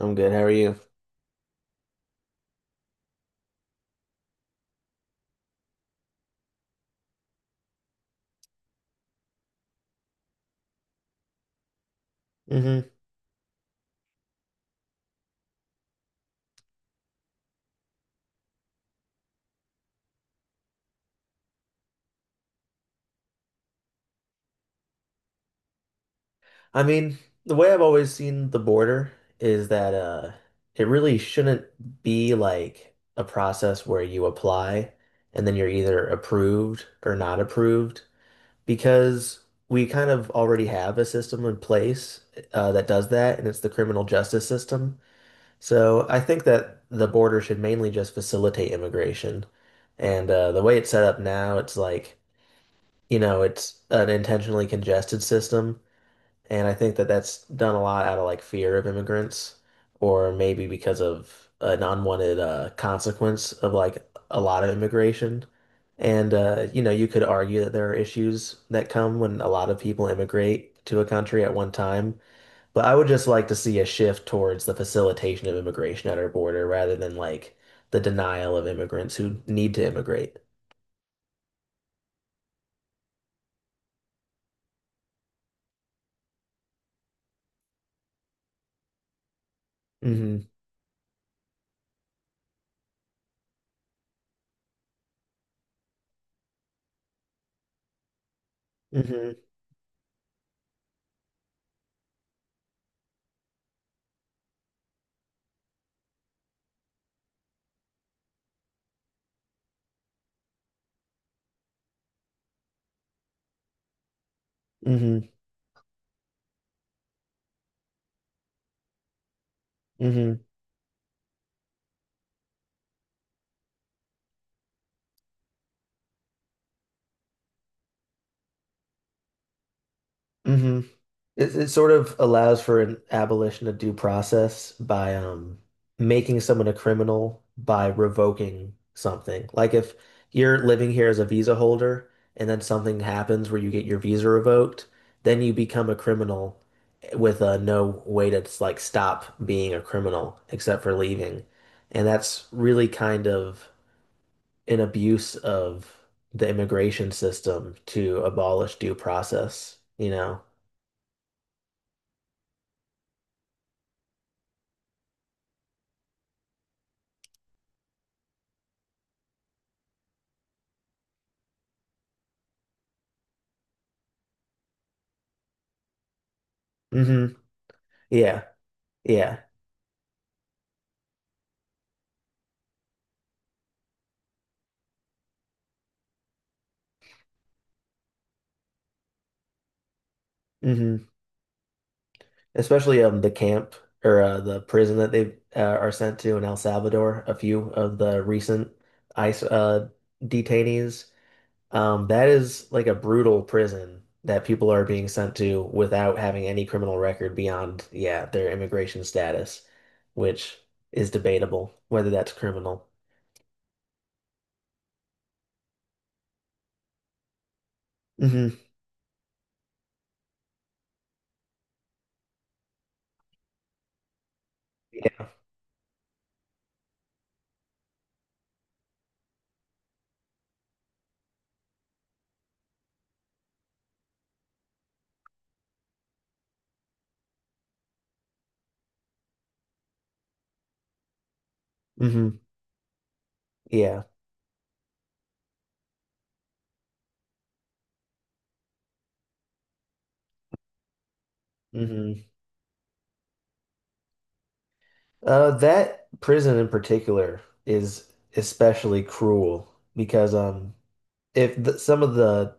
I'm good. How are you? Hmm. I mean, the way I've always seen the border is that it really shouldn't be like a process where you apply and then you're either approved or not approved because we kind of already have a system in place that does that, and it's the criminal justice system. So I think that the border should mainly just facilitate immigration. And the way it's set up now, it's like, it's an intentionally congested system. And I think that that's done a lot out of like fear of immigrants, or maybe because of an unwanted consequence of like a lot of immigration. You could argue that there are issues that come when a lot of people immigrate to a country at one time. But I would just like to see a shift towards the facilitation of immigration at our border rather than like the denial of immigrants who need to immigrate. Hmm. Hmm. Hmm. Hmm. Hmm. It sort of allows for an abolition of due process by making someone a criminal by revoking something. Like if you're living here as a visa holder and then something happens where you get your visa revoked, then you become a criminal with no way to like stop being a criminal except for leaving. And that's really kind of an abuse of the immigration system to abolish due process, you know? Hmm. Yeah. Yeah. Hmm. Especially the camp or the prison that they are sent to in El Salvador, a few of the recent ICE detainees. That is like a brutal prison that people are being sent to without having any criminal record beyond, yeah, their immigration status, which is debatable whether that's criminal. Hmm. Yeah. Hmm. Yeah. Hmm. That prison in particular is especially cruel because if the, some of the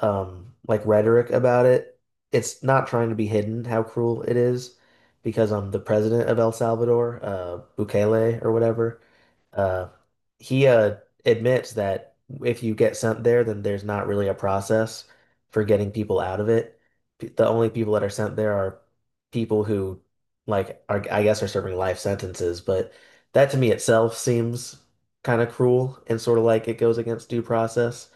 like rhetoric about it, it's not trying to be hidden how cruel it is because the president of El Salvador, Bukele or whatever, uh he admits that if you get sent there, then there's not really a process for getting people out of it. The only people that are sent there are people who like are I guess are serving life sentences, but that to me itself seems kind of cruel and sort of like it goes against due process.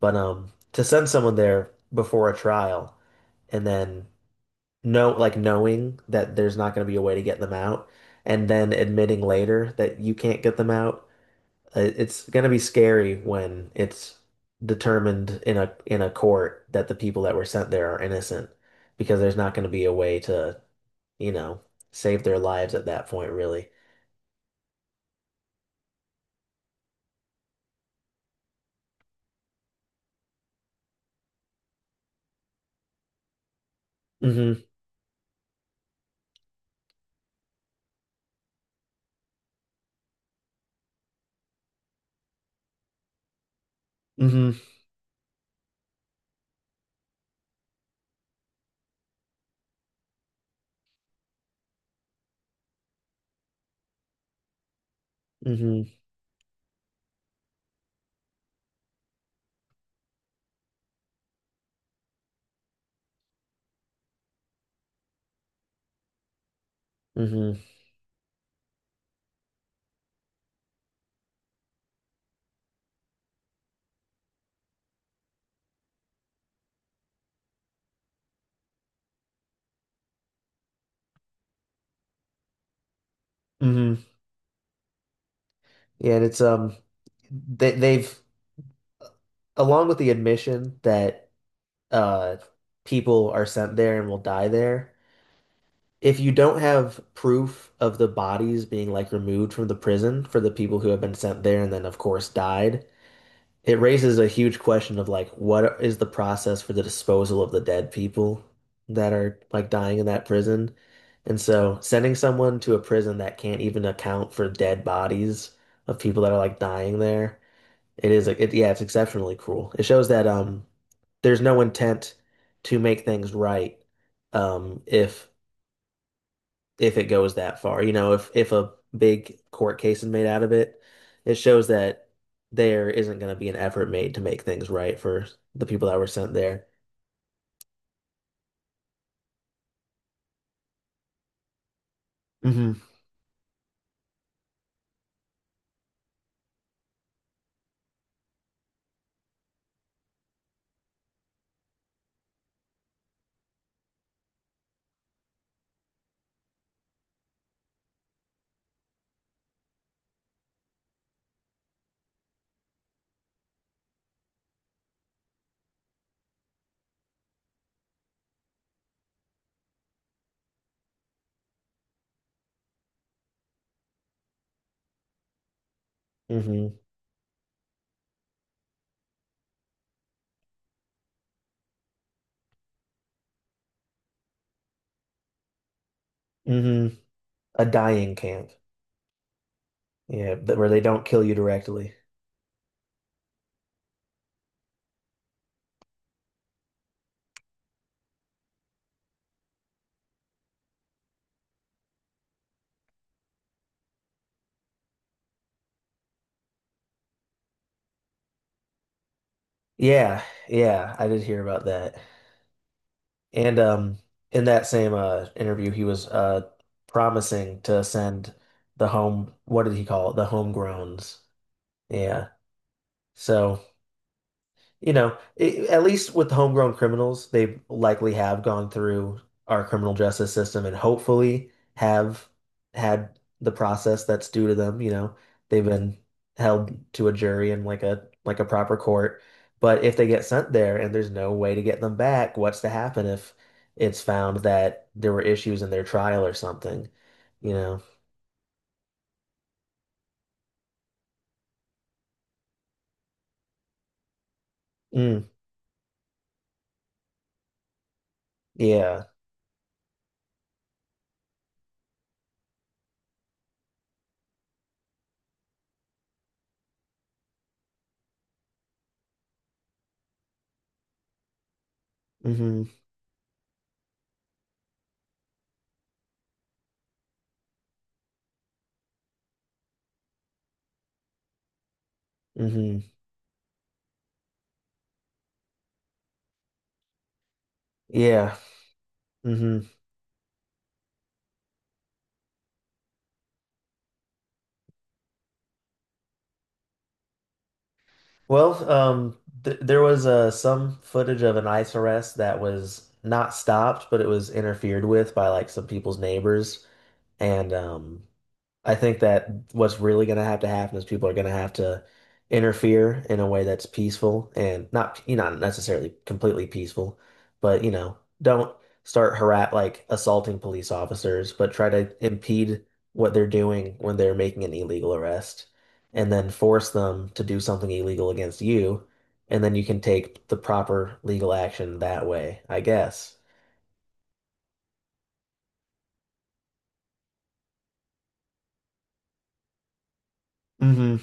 But to send someone there before a trial and then know, like knowing that there's not going to be a way to get them out, and then admitting later that you can't get them out, it's going to be scary when it's determined in a court that the people that were sent there are innocent because there's not going to be a way to, you know, save their lives at that point, really. Hmm. Hmm. Hmm. Hmm. Hmm. Yeah, and it's they they've along with the admission that uh people are sent there and will die there. If you don't have proof of the bodies being like removed from the prison for the people who have been sent there and then of course died, it raises a huge question of like what is the process for the disposal of the dead people that are like dying in that prison? And so sending someone to a prison that can't even account for dead bodies of people that are like dying there it is like it, yeah, it's exceptionally cruel. It shows that there's no intent to make things right if it goes that far. You know, if a big court case is made out of it, it shows that there isn't going to be an effort made to make things right for the people that were sent there. Hmm. Hmm. Hmm. A dying camp. Yeah, but where they don't kill you directly. Yeah, yeah, I did hear about that. And in that same interview, he was promising to send the home, what did he call it? The homegrowns. Yeah. So. You know, it, at least with homegrown criminals, they likely have gone through our criminal justice system and hopefully have had the process that's due to them. You know, they've been held to a jury and like a proper court. But if they get sent there and there's no way to get them back, what's to happen if it's found that there were issues in their trial or something? You know? Mm, yeah. Mm-hmm. Mm-hmm. Yeah. Mm-hmm. Well, th there was some footage of an ICE arrest that was not stopped, but it was interfered with by like some people's neighbors, and I think that what's really going to have to happen is people are going to have to interfere in a way that's peaceful and not, you know, not necessarily completely peaceful, but you know, don't start harass like assaulting police officers, but try to impede what they're doing when they're making an illegal arrest, and then force them to do something illegal against you, and then you can take the proper legal action that way, I guess. Hmm.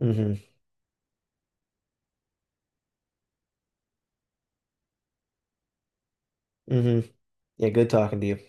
Hmm. Hmm. Yeah, good talking to you.